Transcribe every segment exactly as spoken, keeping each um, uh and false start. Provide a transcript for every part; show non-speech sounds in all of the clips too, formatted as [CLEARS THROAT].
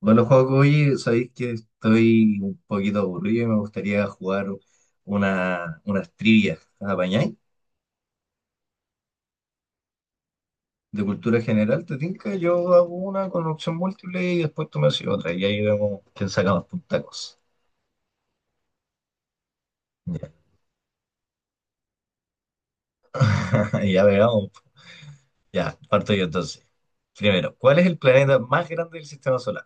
Bueno, juego oye, sabéis que estoy un poquito aburrido y me gustaría jugar una, unas trivias. ¿Apañáis? De cultura general, ¿te tinca? Yo hago una con opción múltiple y después tú me haces otra. Y ahí vemos quién saca más puntacos. Ya, [LAUGHS] ya veamos. Ya, parto yo entonces. Primero, ¿cuál es el planeta más grande del sistema solar?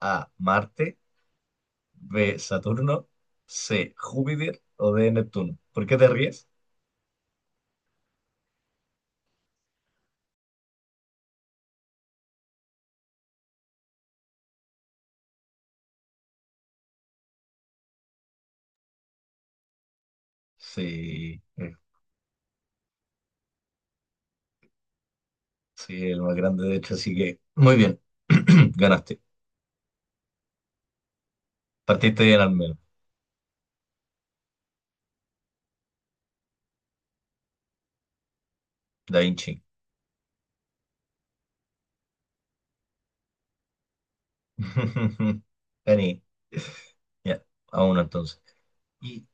A. Marte. B. Saturno. C. Júpiter. O D. Neptuno. ¿Por qué te ríes? Sí. es Sí, el más grande, de hecho, así que muy bien. [CLEARS THROAT] Ganaste. Partiste bien al menos. Da Vinci. [LAUGHS] Gané. Ya, a uno entonces. Y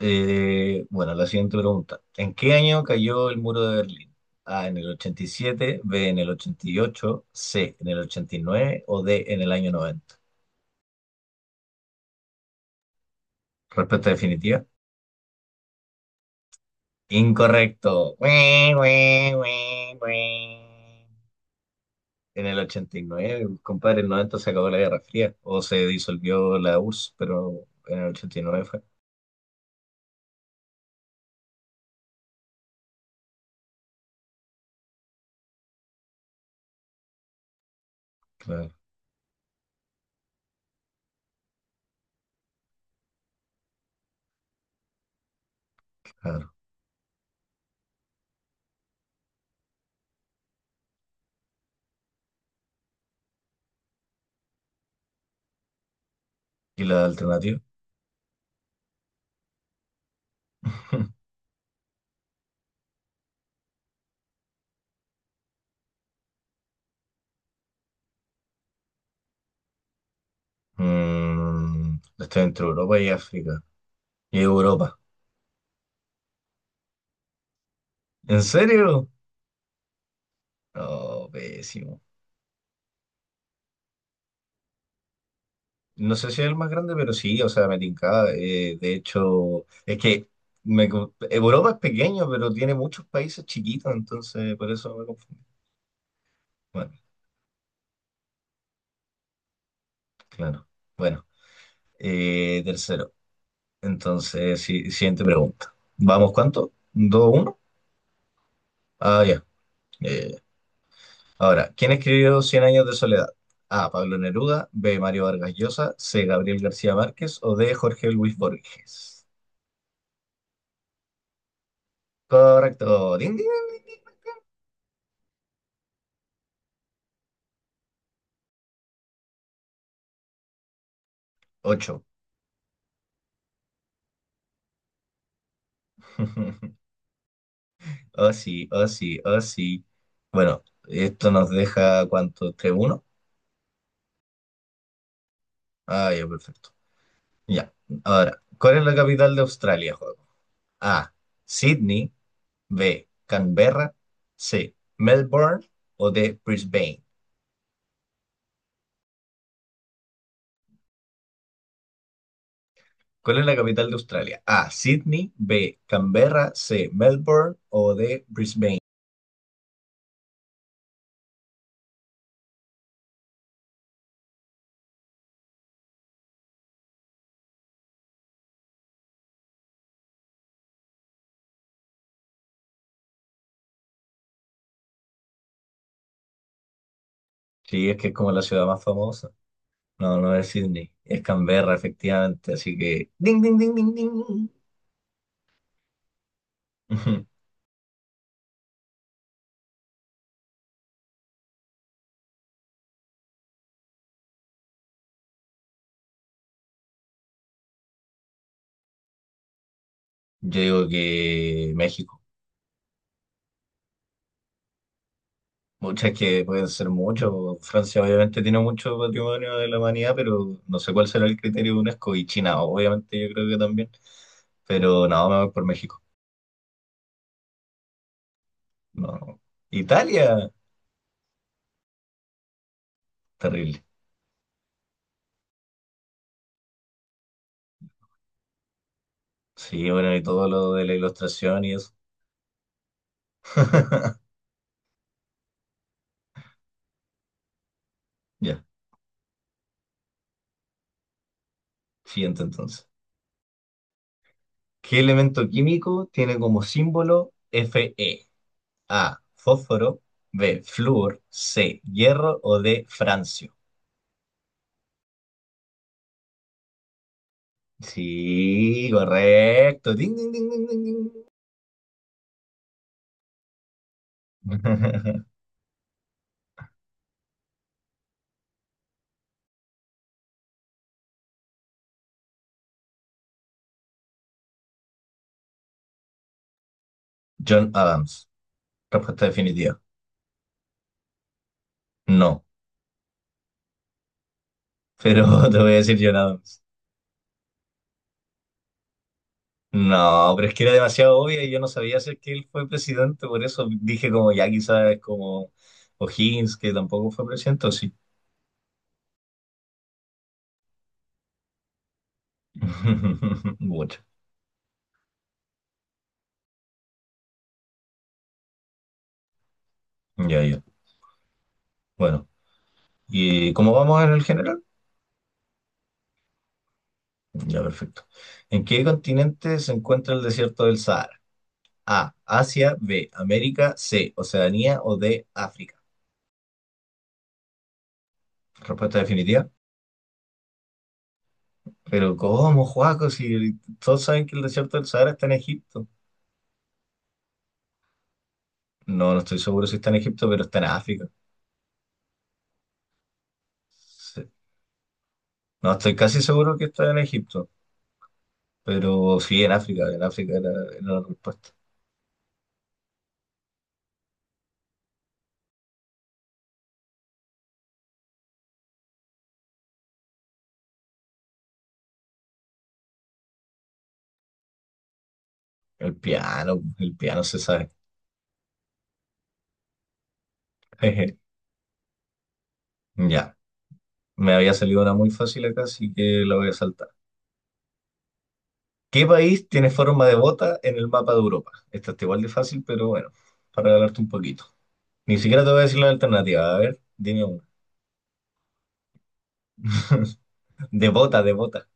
eh, bueno, la siguiente pregunta. ¿En qué año cayó el muro de Berlín? A, en el ochenta y siete. B, en el ochenta y ocho. C, en el ochenta y nueve. O D, en el año noventa. Respuesta definitiva. Incorrecto. Ue, ue, ue, ue. En el ochenta y nueve, compadre, en el noventa se acabó la Guerra Fría o se disolvió la U R S S, pero en el ochenta y nueve fue. Claro, claro. ¿Y la alternativa? [LAUGHS] Mm, estoy entre Europa y África. Y Europa. ¿En serio? No, pésimo. No sé si es el más grande, pero sí, o sea, me tincaba, eh, de hecho, es que me co- Europa es pequeño, pero tiene muchos países chiquitos, entonces por eso me confundí. Bueno, claro. Bueno, eh, tercero. Entonces, sí, siguiente pregunta. ¿Vamos cuánto? ¿Dos, uno? Ah, ya. Ya, ya, ya. Ahora, ¿quién escribió Cien años de soledad? A. Pablo Neruda, B. Mario Vargas Llosa, C. Gabriel García Márquez o D. Jorge Luis Borges. Correcto. Ding, ding, ding, ding. Ocho. [LAUGHS] Oh, sí, oh, sí, oh, sí. Bueno, esto nos deja cuánto, tres uno. Ah, ya, perfecto. Ya. Ahora, ¿cuál es la capital de Australia, juego? A. Sydney, B. Canberra. C. Melbourne o D. Brisbane. ¿Cuál es la capital de Australia? A. Sydney. B. Canberra. C. Melbourne o D. Brisbane. Sí, es que es como la ciudad más famosa. No, no es Sydney. Es Canberra, efectivamente. Así que. Ding, ding, ding, ding, ding. [LAUGHS] Ujú. Yo digo que México. Muchas que pueden ser mucho. Francia obviamente tiene mucho patrimonio de la humanidad, pero no sé cuál será el criterio de UNESCO. Y China, obviamente, yo creo que también. Pero no, me voy por México. No. No. Italia, terrible. Sí, bueno, y todo lo de la ilustración y eso. [LAUGHS] Ya, siguiente entonces. ¿Qué elemento químico tiene como símbolo Fe? A, fósforo, B, flúor, C, hierro o D, francio. Sí, correcto. Ding, ding, ding, ding, ding, ding. [LAUGHS] John Adams. Respuesta definitiva. No, pero [LAUGHS] te voy a decir John Adams. No, pero es que era demasiado obvia y yo no sabía si que él fue presidente, por eso dije como ya quizás es como O'Higgins, que tampoco fue presidente, o sí. [LAUGHS] Mucho. Ya, ya. Bueno, ¿y cómo vamos en el general? Ya, perfecto. ¿En qué continente se encuentra el desierto del Sahara? A, Asia, B, América, C, Oceanía o D, África. Respuesta definitiva. Pero ¿cómo, Juaco? Si todos saben que el desierto del Sahara está en Egipto. No, no estoy seguro si está en Egipto, pero está en África. Sí. No, estoy casi seguro que está en Egipto, pero sí, en África, en África era, era la respuesta. El piano, el piano se sabe. [LAUGHS] Ya, me había salido una muy fácil acá, así que la voy a saltar. ¿Qué país tiene forma de bota en el mapa de Europa? Esta está igual de fácil, pero bueno, para regalarte un poquito. Ni siquiera te voy a decir la alternativa, a ver, dime una. [LAUGHS] De bota, de bota.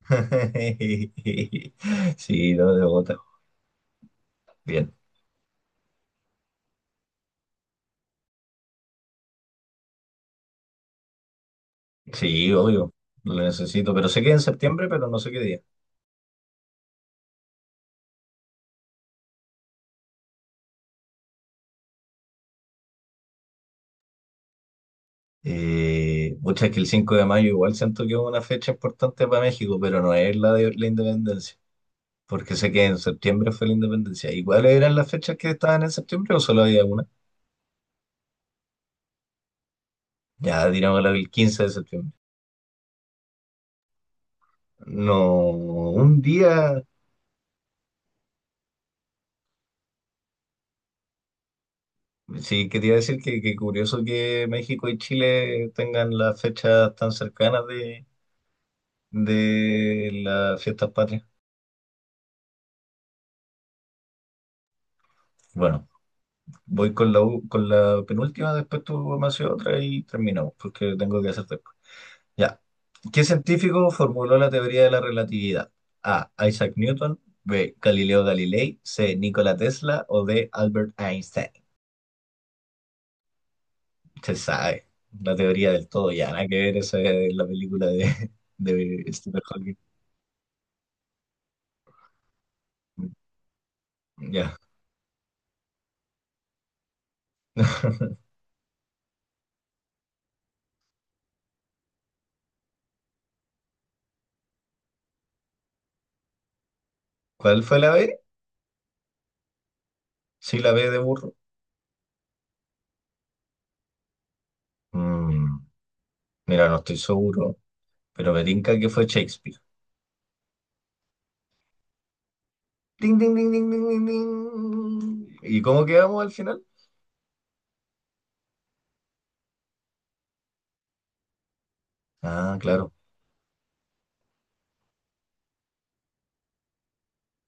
[LAUGHS] Sí, no, de bota. Bien. Sí, obvio, lo necesito, pero sé que es en septiembre, pero no sé qué día. Eh, muchas que el cinco de mayo igual siento que es una fecha importante para México, pero no es la de la independencia, porque sé que en septiembre fue la independencia. ¿Y cuáles eran las fechas que estaban en septiembre o solo había una? Ya, digamos la del quince de septiembre. No, un día, sí, quería decir que, que, curioso que México y Chile tengan las fechas tan cercanas de, de las fiestas patrias. Bueno, voy con la, u- con la penúltima, después tú me haces otra y terminamos, porque tengo que hacer. Ya. ¿Qué científico formuló la teoría de la relatividad? A. Isaac Newton. B. Galileo Galilei. C. Nikola Tesla. O D. Albert Einstein. Se sabe. La teoría del todo ya. Nada que ver, esa es la película de, de Stephen Hawking. Ya. [LAUGHS] ¿Cuál fue la B? Sí, la B de burro. Mm, Mira, no estoy seguro, pero me tinca que fue Shakespeare. Ding, ding, ding, ding, ding, ding, ding. ¿Y cómo quedamos al final? Ah, claro.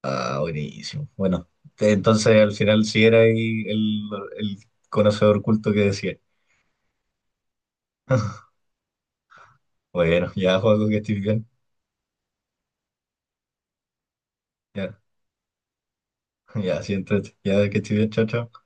Ah, buenísimo. Bueno, te- entonces al final sí era ahí el, el, conocedor culto que decía. [LAUGHS] Bueno, ya, Joaco, que estés bien. Ya, ya, siéntate. Ya, que estés bien, chao, chao.